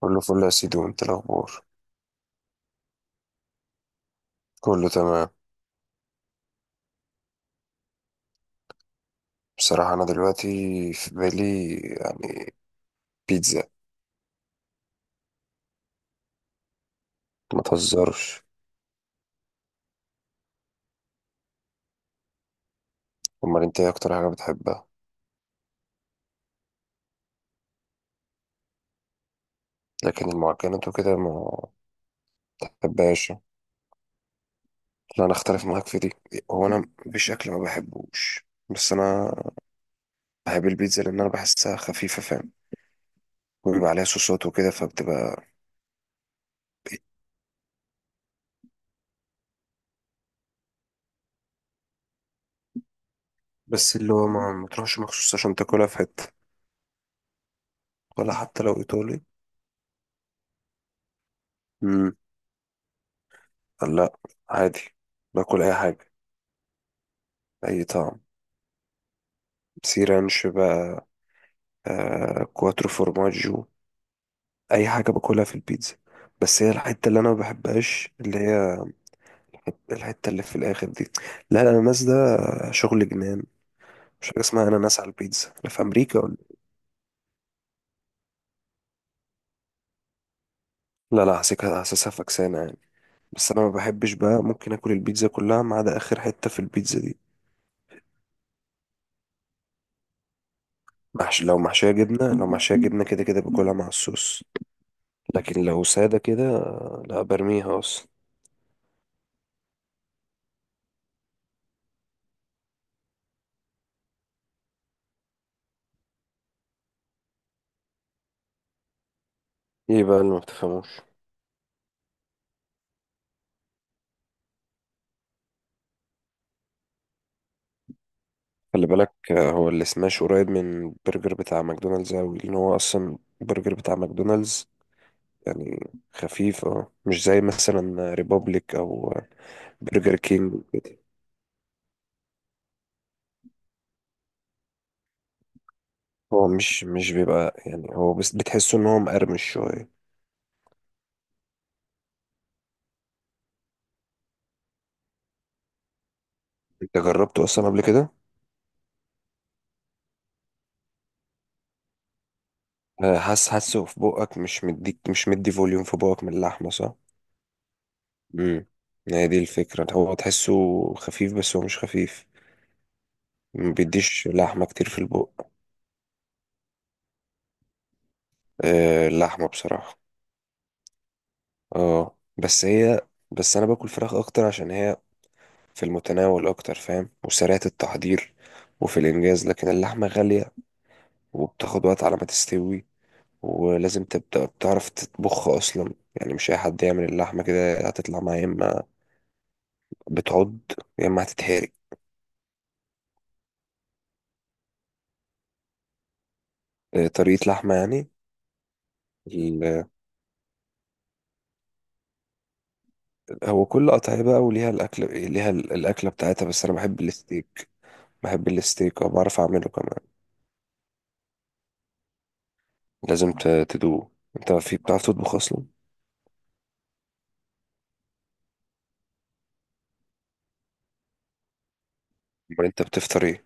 كله فل يا سيدي، وانت الاخبار؟ كله تمام. بصراحة انا دلوقتي في بالي بيتزا. ما تهزرش. امال انت ايه اكتر حاجة بتحبها؟ لكن المعجنات وكده ما بحبهاش. لا، انا اختلف معاك في دي. هو انا مفيش اكل ما بحبوش، بس انا بحب البيتزا لان انا بحسها خفيفة، فاهم، وبيبقى عليها صوصات وكده فبتبقى. بس اللي هو ما تروحش مخصوص عشان تاكلها في حتة، ولا حتى لو ايطالي. امم لا، عادي، باكل اي حاجة. اي طعم، سي رانش بقى، كواترو فورماجو، اي حاجه باكلها في البيتزا. بس هي الحته اللي انا ما بحبهاش اللي هي الحته اللي في الاخر دي. لا، الاناناس ده شغل جنان. مش حاجه اسمها اناناس على البيتزا، لا في امريكا ولا. لا لا، حاسسها حاسسها فكسانه يعني. بس انا ما بحبش بقى، ممكن اكل البيتزا كلها ما عدا اخر حته في البيتزا دي. محش، لو محشيه جبنه لو محشيه جبنه كده كده باكلها مع الصوص. لكن لو ساده كده، لا، برميها اصلا. ايه بقى اللي ما بتفهموش؟ خلي بالك، هو السماش قريب من البرجر بتاع ماكدونالدز أوي، لأن هو أصلا البرجر بتاع ماكدونالدز، يعني خفيف. اه، مش زي مثلا ريبوبليك أو برجر كينج وكده. هو مش بيبقى، يعني هو بس بتحسه إن هو مقرمش شوية. أنت جربته أصلا قبل كده؟ حاسس حاسه في بقك، مش مدي فوليوم في بقك من اللحمة، صح؟ امم هي دي الفكرة، هو تحسه خفيف بس هو مش خفيف، ما بيديش لحمة كتير في البق. اللحمة بصراحة. اه بس هي، بس انا باكل فراخ اكتر عشان هي في المتناول اكتر، فاهم، وسريعة التحضير وفي الانجاز، لكن اللحمة غالية وبتاخد وقت على ما تستوي، ولازم تبدأ بتعرف تطبخ اصلا. يعني مش اي حد يعمل اللحمة كده هتطلع معاه، يا اما بتعض يا اما هتتهري. طريقة لحمة يعني. ال- هو كل قطعية بقى وليها الاكل، ليها الاكلة بتاعتها. بس انا بحب الستيك، بحب الستيك وبعرف اعمله كمان. لازم تدوقه. انت في بتعرف تطبخ اصلا؟ امال انت بتفطر ايه؟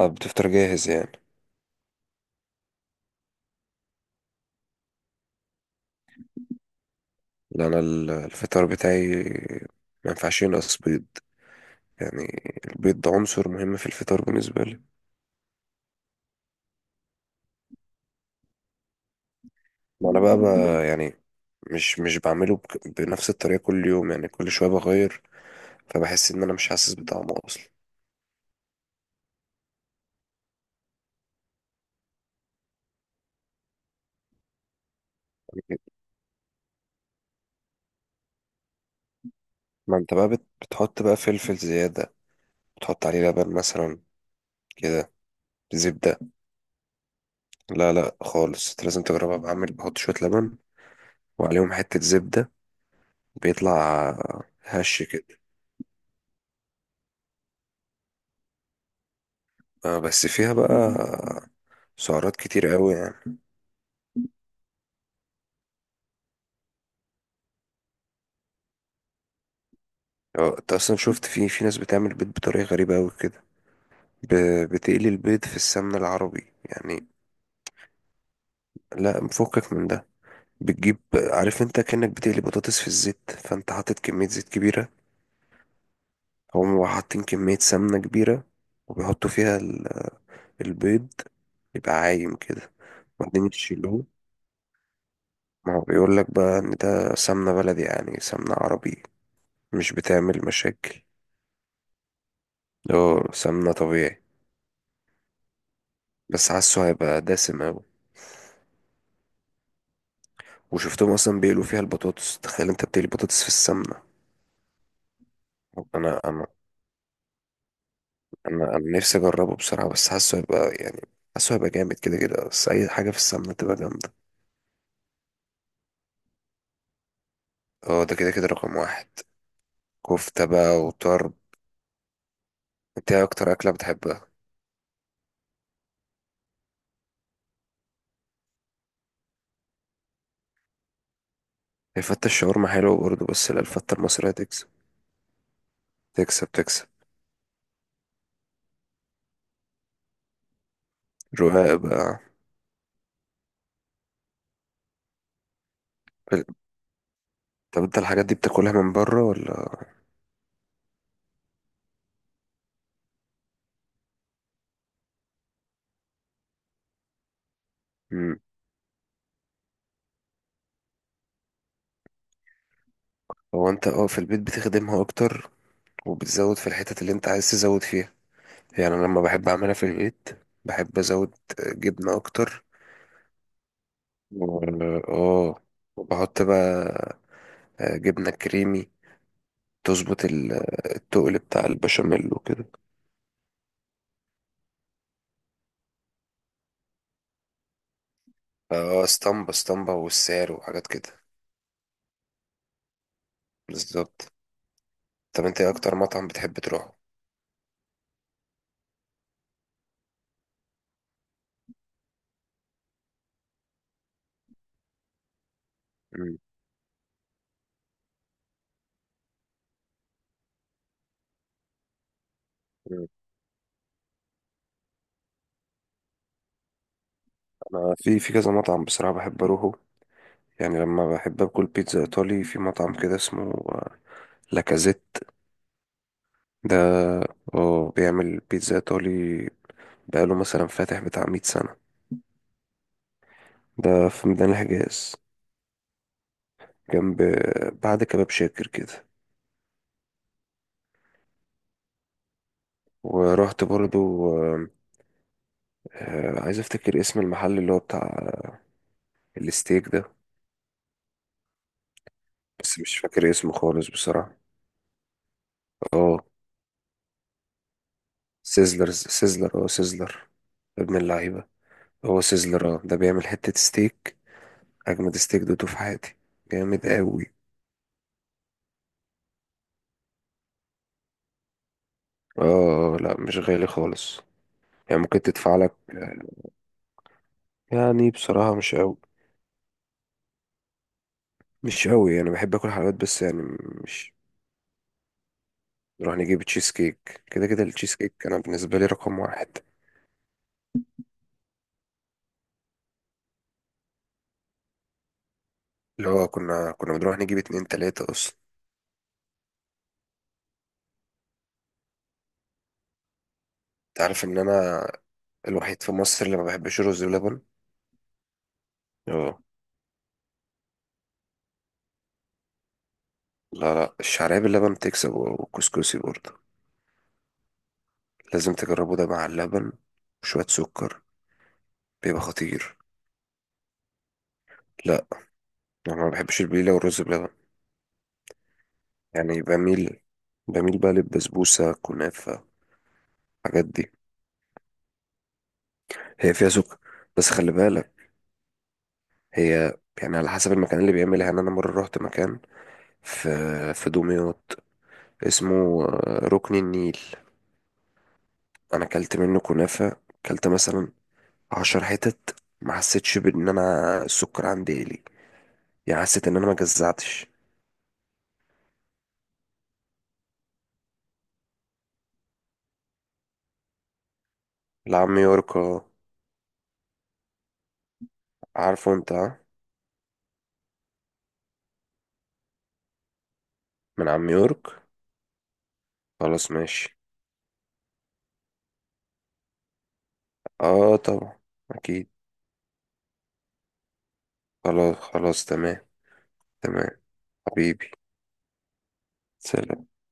اه بتفطر جاهز يعني. لا، انا الفطار بتاعي ما ينفعش ينقص بيض. يعني البيض ده عنصر مهم في الفطار بالنسبه لي. ما انا بقى، يعني مش بعمله بنفس الطريقه كل يوم. يعني كل شويه بغير، فبحس ان انا مش حاسس بطعمه اصلا. ما انت بقى بتحط بقى فلفل زياده، بتحط عليه لبن مثلا كده، زبده. لا لا خالص، انت لازم تجربها، بعمل بحط شويه لبن وعليهم حته زبده، بيطلع هش كده. اه بس فيها بقى سعرات كتير قوي يعني. اه، انت اصلا شفت، في ناس بتعمل بيض بطريقه غريبه قوي كده؟ ب... بتقلي البيض في السمنه العربي يعني. لا، مفكك من ده. بتجيب، عارف انت، كأنك بتقلي بطاطس في الزيت، فانت حاطط كميه زيت كبيره. هم حاطين كميه سمنه كبيره وبيحطوا فيها البيض، يبقى عايم كده وبعدين يشيلوه. ما هو بيقول لك بقى ان ده سمنه بلدي، يعني سمنه عربي، مش بتعمل مشاكل. اه سمنه طبيعي. بس حاسه هيبقى دسم أوي. وشفتهم أصلا بيقلوا فيها البطاطس. تخيل أنت بتقلي بطاطس في السمنة. أنا أنا أنا نفسي أجربه بصراحة، بس حاسه هيبقى يعني، حاسه هيبقى جامد كده كده. بس أي حاجة في السمنة تبقى جامدة. اه ده كده كده رقم واحد. كفتة بقى وطرب. أنت إيه أكتر أكلة بتحبها؟ الفتة الشاورما حلوة برضه، بس لا، الفتة المصرية تكسب، تكسب تكسب. رقاق بقى. طب أنت الحاجات دي بتاكلها من بره ولا؟ مم. هو أنت اه في البيت بتخدمها أكتر، وبتزود في الحتت اللي أنت عايز تزود فيها. يعني أنا لما بحب أعملها في البيت، بحب أزود جبنة أكتر، اه، وبحط بقى جبنة كريمي، تظبط التقل بتاع البشاميل وكده. اه، اسطمبة اسطمبة والسعر وحاجات كده. بالظبط. طب انت ايه اكتر مطعم بتحب تروحه؟ مم. مم. انا في كذا مطعم بصراحة بحب اروحه. يعني لما بحب اكل بيتزا ايطالي، في مطعم كده اسمه لاكازيت ده. اه بيعمل بيتزا ايطالي. بقاله مثلا فاتح بتاع 100 سنة. ده في ميدان الحجاز، جنب، بعد كباب شاكر كده. ورحت برضو. آه، عايز افتكر اسم المحل اللي هو بتاع الستيك ده. بس مش فاكر اسمه خالص بصراحة. اه سيزلر، سيزلر، سيزلر، ابن اللعيبة، هو سيزلر. اه ده بيعمل حتة ستيك. اجمد ستيك دوته في حياتي، جامد قوي. اه، لا مش غالي خالص. يعني ممكن تدفع لك، يعني بصراحة مش قوي، مش قوي. يعني بحب اكل حلويات بس يعني مش، نروح نجيب تشيز كيك كده كده. التشيز كيك انا بالنسبه لي رقم واحد. اللي هو كنا بنروح نجيب اتنين تلاته اصلا. انت عارف ان انا الوحيد في مصر اللي ما بحبش رز بلبن. اه. لا لا، الشعريه باللبن تكسب، والكسكسي برضه. لازم تجربه ده مع اللبن وشويه سكر، بيبقى خطير. لا انا ما بحبش البليله والرز بلبن. يعني بميل، بقى للبسبوسه كنافه، الحاجات دي. هي فيها سكر. بس خلي بالك، هي يعني على حسب المكان اللي بيعملها. يعني انا مره رحت مكان في دمياط اسمه ركن النيل، انا اكلت منه كنافه. اكلت مثلا 10 حتت، ما حسيتش بان انا السكر عندي قلي يعني. حسيت ان انا ما جزعتش. لعم يورك، اه. عارفه انت آه؟ من عم يورك. خلاص ماشي. اه طبعا. اكيد. خلاص خلاص تمام. تمام حبيبي. سلام.